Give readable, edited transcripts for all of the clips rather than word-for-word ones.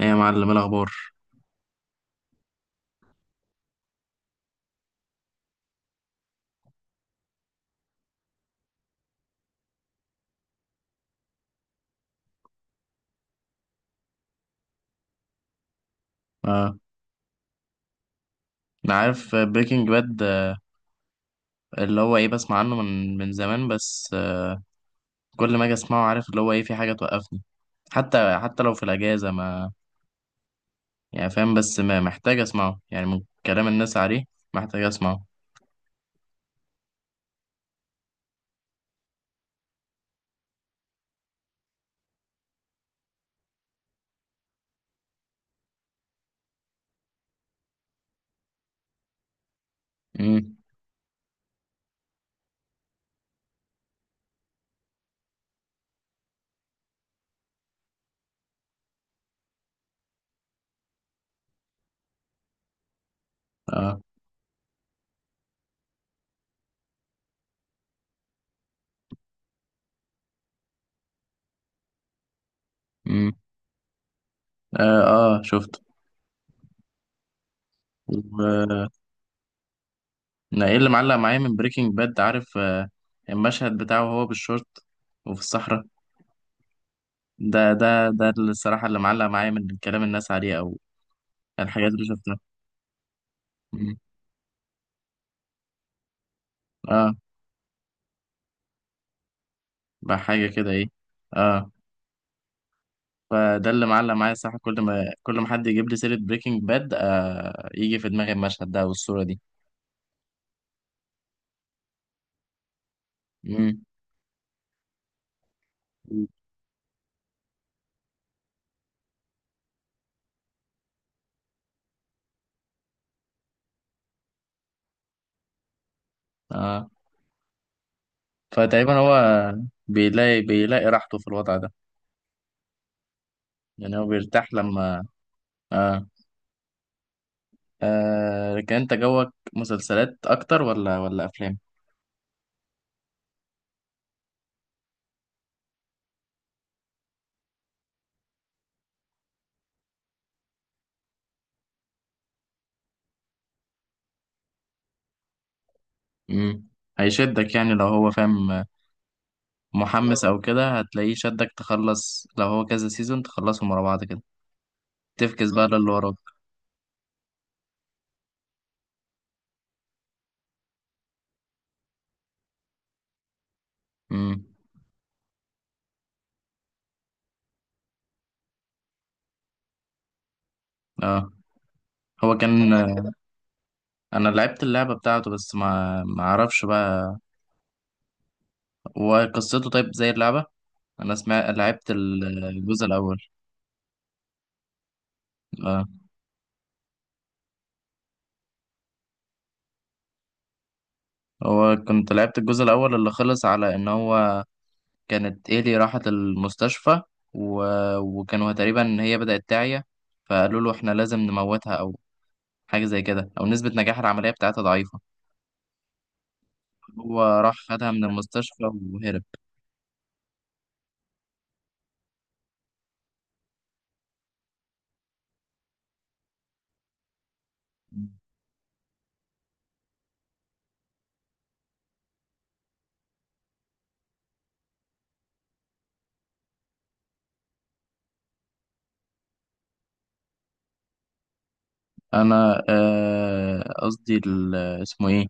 ايه يا معلم، إيه الاخبار؟ اه. انا عارف بريكنج باد، اللي هو ايه بسمع عنه من زمان، بس كل ما اجي اسمعه عارف اللي هو ايه في حاجه توقفني. حتى لو في الاجازه ما يعني فاهم، بس ما محتاج اسمعه يعني من كلام الناس عليه محتاج اسمعه. امم. اه. امم. اه. اه، شفت. و- آه، انا ايه اللي معلق معايا من بريكنج باد، عارف، المشهد بتاعه وهو بالشورت وفي الصحراء. ده الصراحه اللي معلق معايا من كلام الناس عليه او الحاجات اللي شفتها. اه. بقى حاجة كده ايه. اه. فده اللي معلق معايا الصراحة، كل ما حد يجيب لي سيرة بريكنج باد آه يجي في دماغي المشهد ده والصورة دي. امم. اه. فتقريبا هو بيلاقي راحته في الوضع ده، يعني هو بيرتاح لما اه, آه لكن انت جوك مسلسلات اكتر، ولا افلام؟ امم. هيشدك يعني، لو هو فاهم محمس او كده هتلاقيه شدك تخلص، لو هو كذا سيزون تخلصهم ورا بعض كده تفكس بقى للي وراك. امم. اه. هو كان، انا لعبت اللعبه بتاعته، بس ما اعرفش بقى، هو قصته طيب زي اللعبه؟ انا سمعت، لعبت الجزء الاول. اه. هو كنت لعبت الجزء الاول اللي خلص على ان هو كانت ايلي راحت المستشفى، و... وكانوا تقريبا هي بدات تعيا، فقالوا له احنا لازم نموتها او حاجه زي كده، او نسبه نجاح العمليه بتاعتها ضعيفه. هو راح خدها من المستشفى وهرب. انا قصدي اسمه ايه،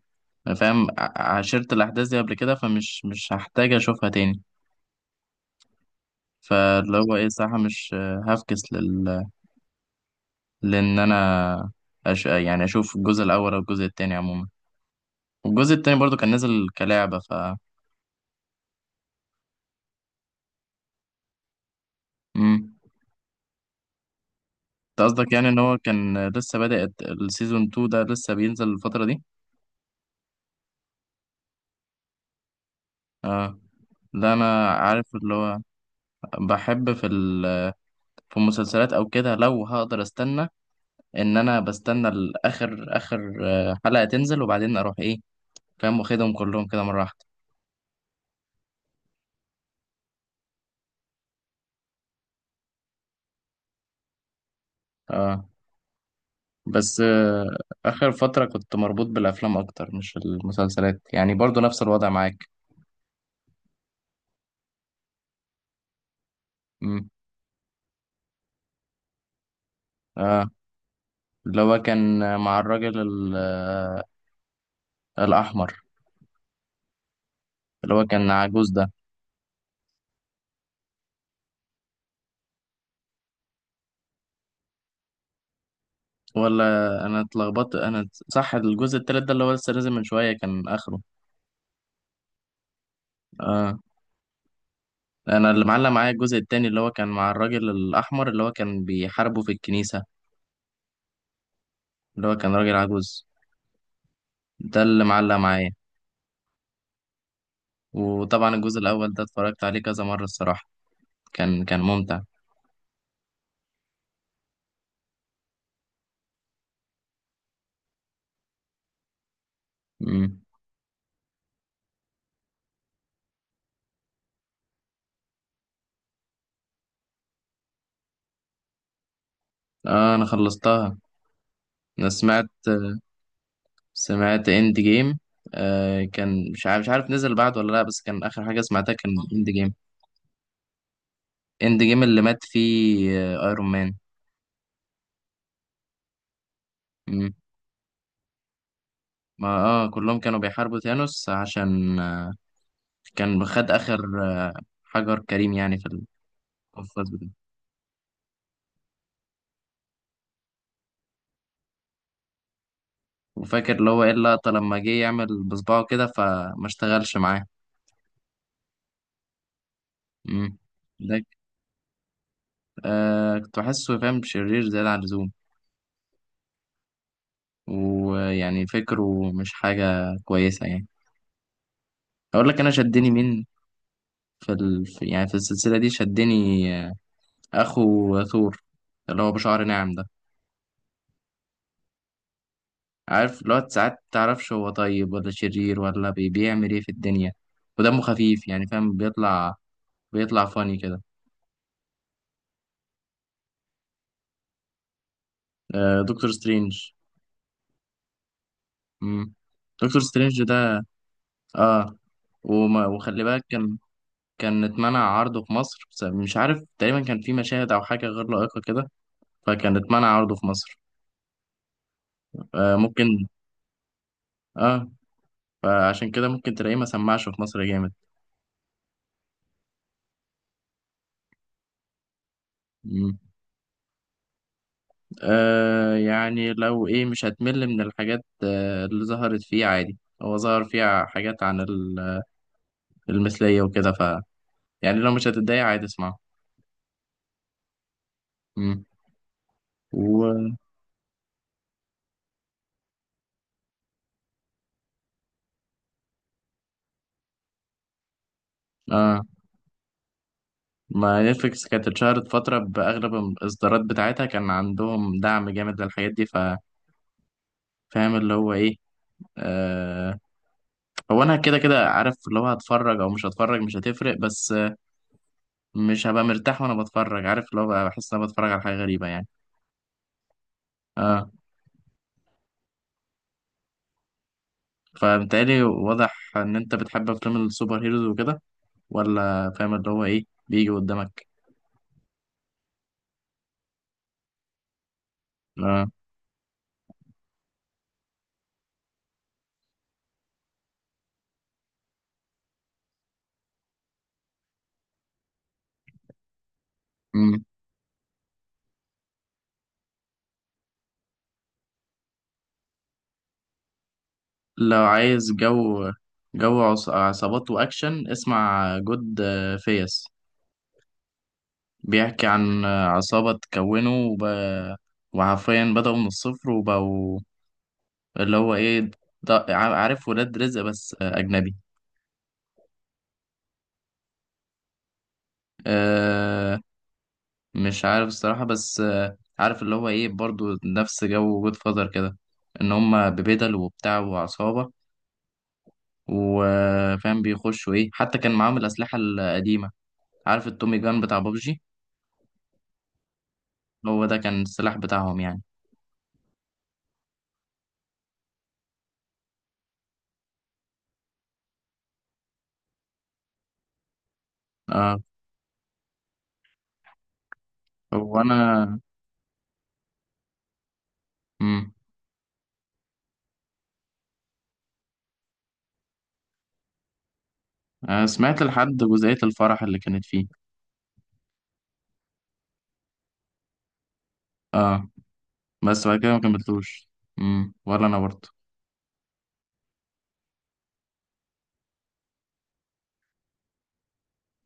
انا فاهم عشرت الاحداث دي قبل كده، فمش مش هحتاج اشوفها تاني، فاللي هو ايه صح، مش آه، هفكس لل... لان انا، يعني اشوف الجزء الاول او الجزء التاني عموما، والجزء التاني برضو كان نازل كلعبة. امم. انت قصدك يعني ان هو كان لسه بادئ السيزون 2، ده لسه بينزل الفترة دي؟ اه، لا، انا عارف اللي هو. بحب في المسلسلات او كده لو هقدر استنى، ان انا بستنى اخر حلقة تنزل وبعدين اروح ايه، فاهم، واخدهم كلهم كده مرة واحدة. اه. بس اخر فترة كنت مربوط بالافلام اكتر مش المسلسلات، يعني برضو نفس الوضع معاك. امم. اه. اللي هو كان مع الراجل الاحمر، اللي هو كان عجوز ده، ولا. انا اتلخبطت، انا صح الجزء التالت ده اللي هو لسه نازل من شوية كان اخره؟ اه. انا اللي معلق معايا الجزء التاني اللي هو كان مع الراجل الاحمر اللي هو كان بيحاربه في الكنيسة، اللي هو كان راجل عجوز، ده اللي معلق معايا. وطبعا الجزء الأول ده اتفرجت عليه كذا مرة الصراحة، كان ممتع. مم. آه، أنا خلصتها، أنا سمعت، سمعت إند جيم. كان مش عارف نزل بعد ولا لأ، بس كان آخر حاجة سمعتها كان إند جيم، إند جيم اللي مات فيه آه أيرون مان. مم. ما كلهم كانوا بيحاربوا ثانوس عشان كان خد آخر حجر كريم يعني في القفاز. وفاكر اللي هو ايه اللقطة لما جه يعمل بصباعه كده فما اشتغلش معاه. امم. ده ك- آه، كنت بحسه فاهم شرير زيادة عن اللزوم، ويعني فكره مش حاجة كويسة يعني. أقول لك أنا شدني مين، في يعني في السلسلة دي شدني آه، أخو ثور، اللي هو بشعر ناعم ده، عارف اللي هو ساعات متعرفش هو طيب ولا شرير ولا بيعمل إيه في الدنيا، ودمه خفيف يعني فاهم، بيطلع فاني كده. آه، دكتور سترينج. مم. دكتور سترينج ده، اه. وخلي بالك كان، كان اتمنع عرضه في مصر بسبب مش عارف، تقريبا كان في مشاهد او حاجه غير لائقه كده، فكان اتمنع عرضه في مصر. آه، ممكن. اه، فعشان كده ممكن تلاقيه ما سمعش في مصر جامد. مم. آه يعني، لو ايه مش هتمل من الحاجات اللي ظهرت فيه عادي، هو ظهر فيها حاجات عن المثلية وكده، يعني لو مش هتتضايق عادي اسمعه. مم. و اه، ما نتفليكس كانت اتشهرت فترة بأغلب الإصدارات بتاعتها كان عندهم دعم جامد للحاجات دي، ففاهم اللي هو إيه. آه، هو أنا كده عارف اللي هو هتفرج أو مش هتفرج مش هتفرق، بس مش هبقى مرتاح وأنا بتفرج، عارف اللي هو بقى بحس إن أنا بتفرج على حاجة غريبة يعني. آه. فبالتالي واضح إن أنت بتحب أفلام السوبر هيروز وكده، ولا فاهم اللي هو إيه بيجي قدامك؟ آه. مم. لو عايز جو، عصابات وأكشن، اسمع جود فيس، بيحكي عن عصابة تكونه، وحرفيا بدأوا من الصفر وبقوا اللي هو إيه، ده عارف ولاد رزق بس أجنبي. أه. مش عارف الصراحة، بس عارف اللي هو إيه برضو نفس جو جود فاذر كده، إن هما ببدل وبتاع وعصابة، وفاهم بيخشوا إيه، حتى كان معاهم الأسلحة القديمة، عارف التومي جان بتاع بابجي، هو ده كان السلاح بتاعهم يعني. أه، وأنا. مم. سمعت لحد جزئية الفرح اللي كانت فيه. اه. بس بعد كده ما كملتوش. امم، ولا انا برضه.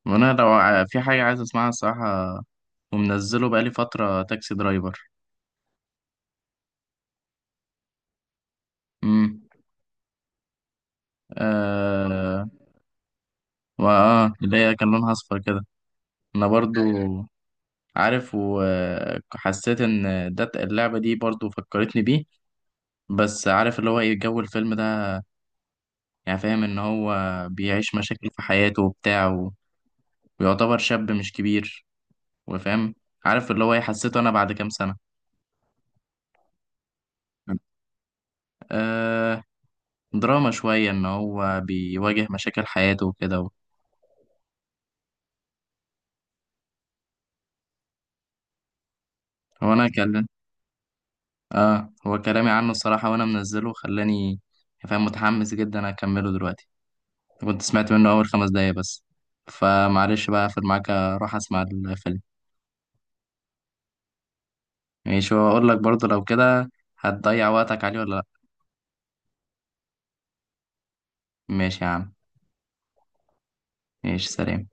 وانا لو في حاجه عايز اسمعها الصراحه، ومنزله بقالي فتره، تاكسي درايفر. امم. آه، اللي هي كان لونها اصفر كده، انا برضو عارف، وحسيت ان ده اللعبه دي برضو فكرتني بيه، بس عارف اللي هو ايه جو الفيلم ده، يعني فاهم ان هو بيعيش مشاكل في حياته وبتاع ويعتبر شاب مش كبير وفاهم، عارف اللي هو ايه حسيته انا بعد كام سنة، آه، دراما شوية إن هو بيواجه مشاكل حياته وكده. هو أنا كلم آه، هو كلامي عنه الصراحة وأنا منزله خلاني فاهم متحمس جدا أكمله دلوقتي، كنت سمعت منه أول 5 دقايق بس، فمعلش بقى أقفل معاك أروح أسمع الفيلم. ماشي، وأقول لك برضه لو كده هتضيع وقتك عليه ولا لأ. ماشي يا عم، ماشي سلام.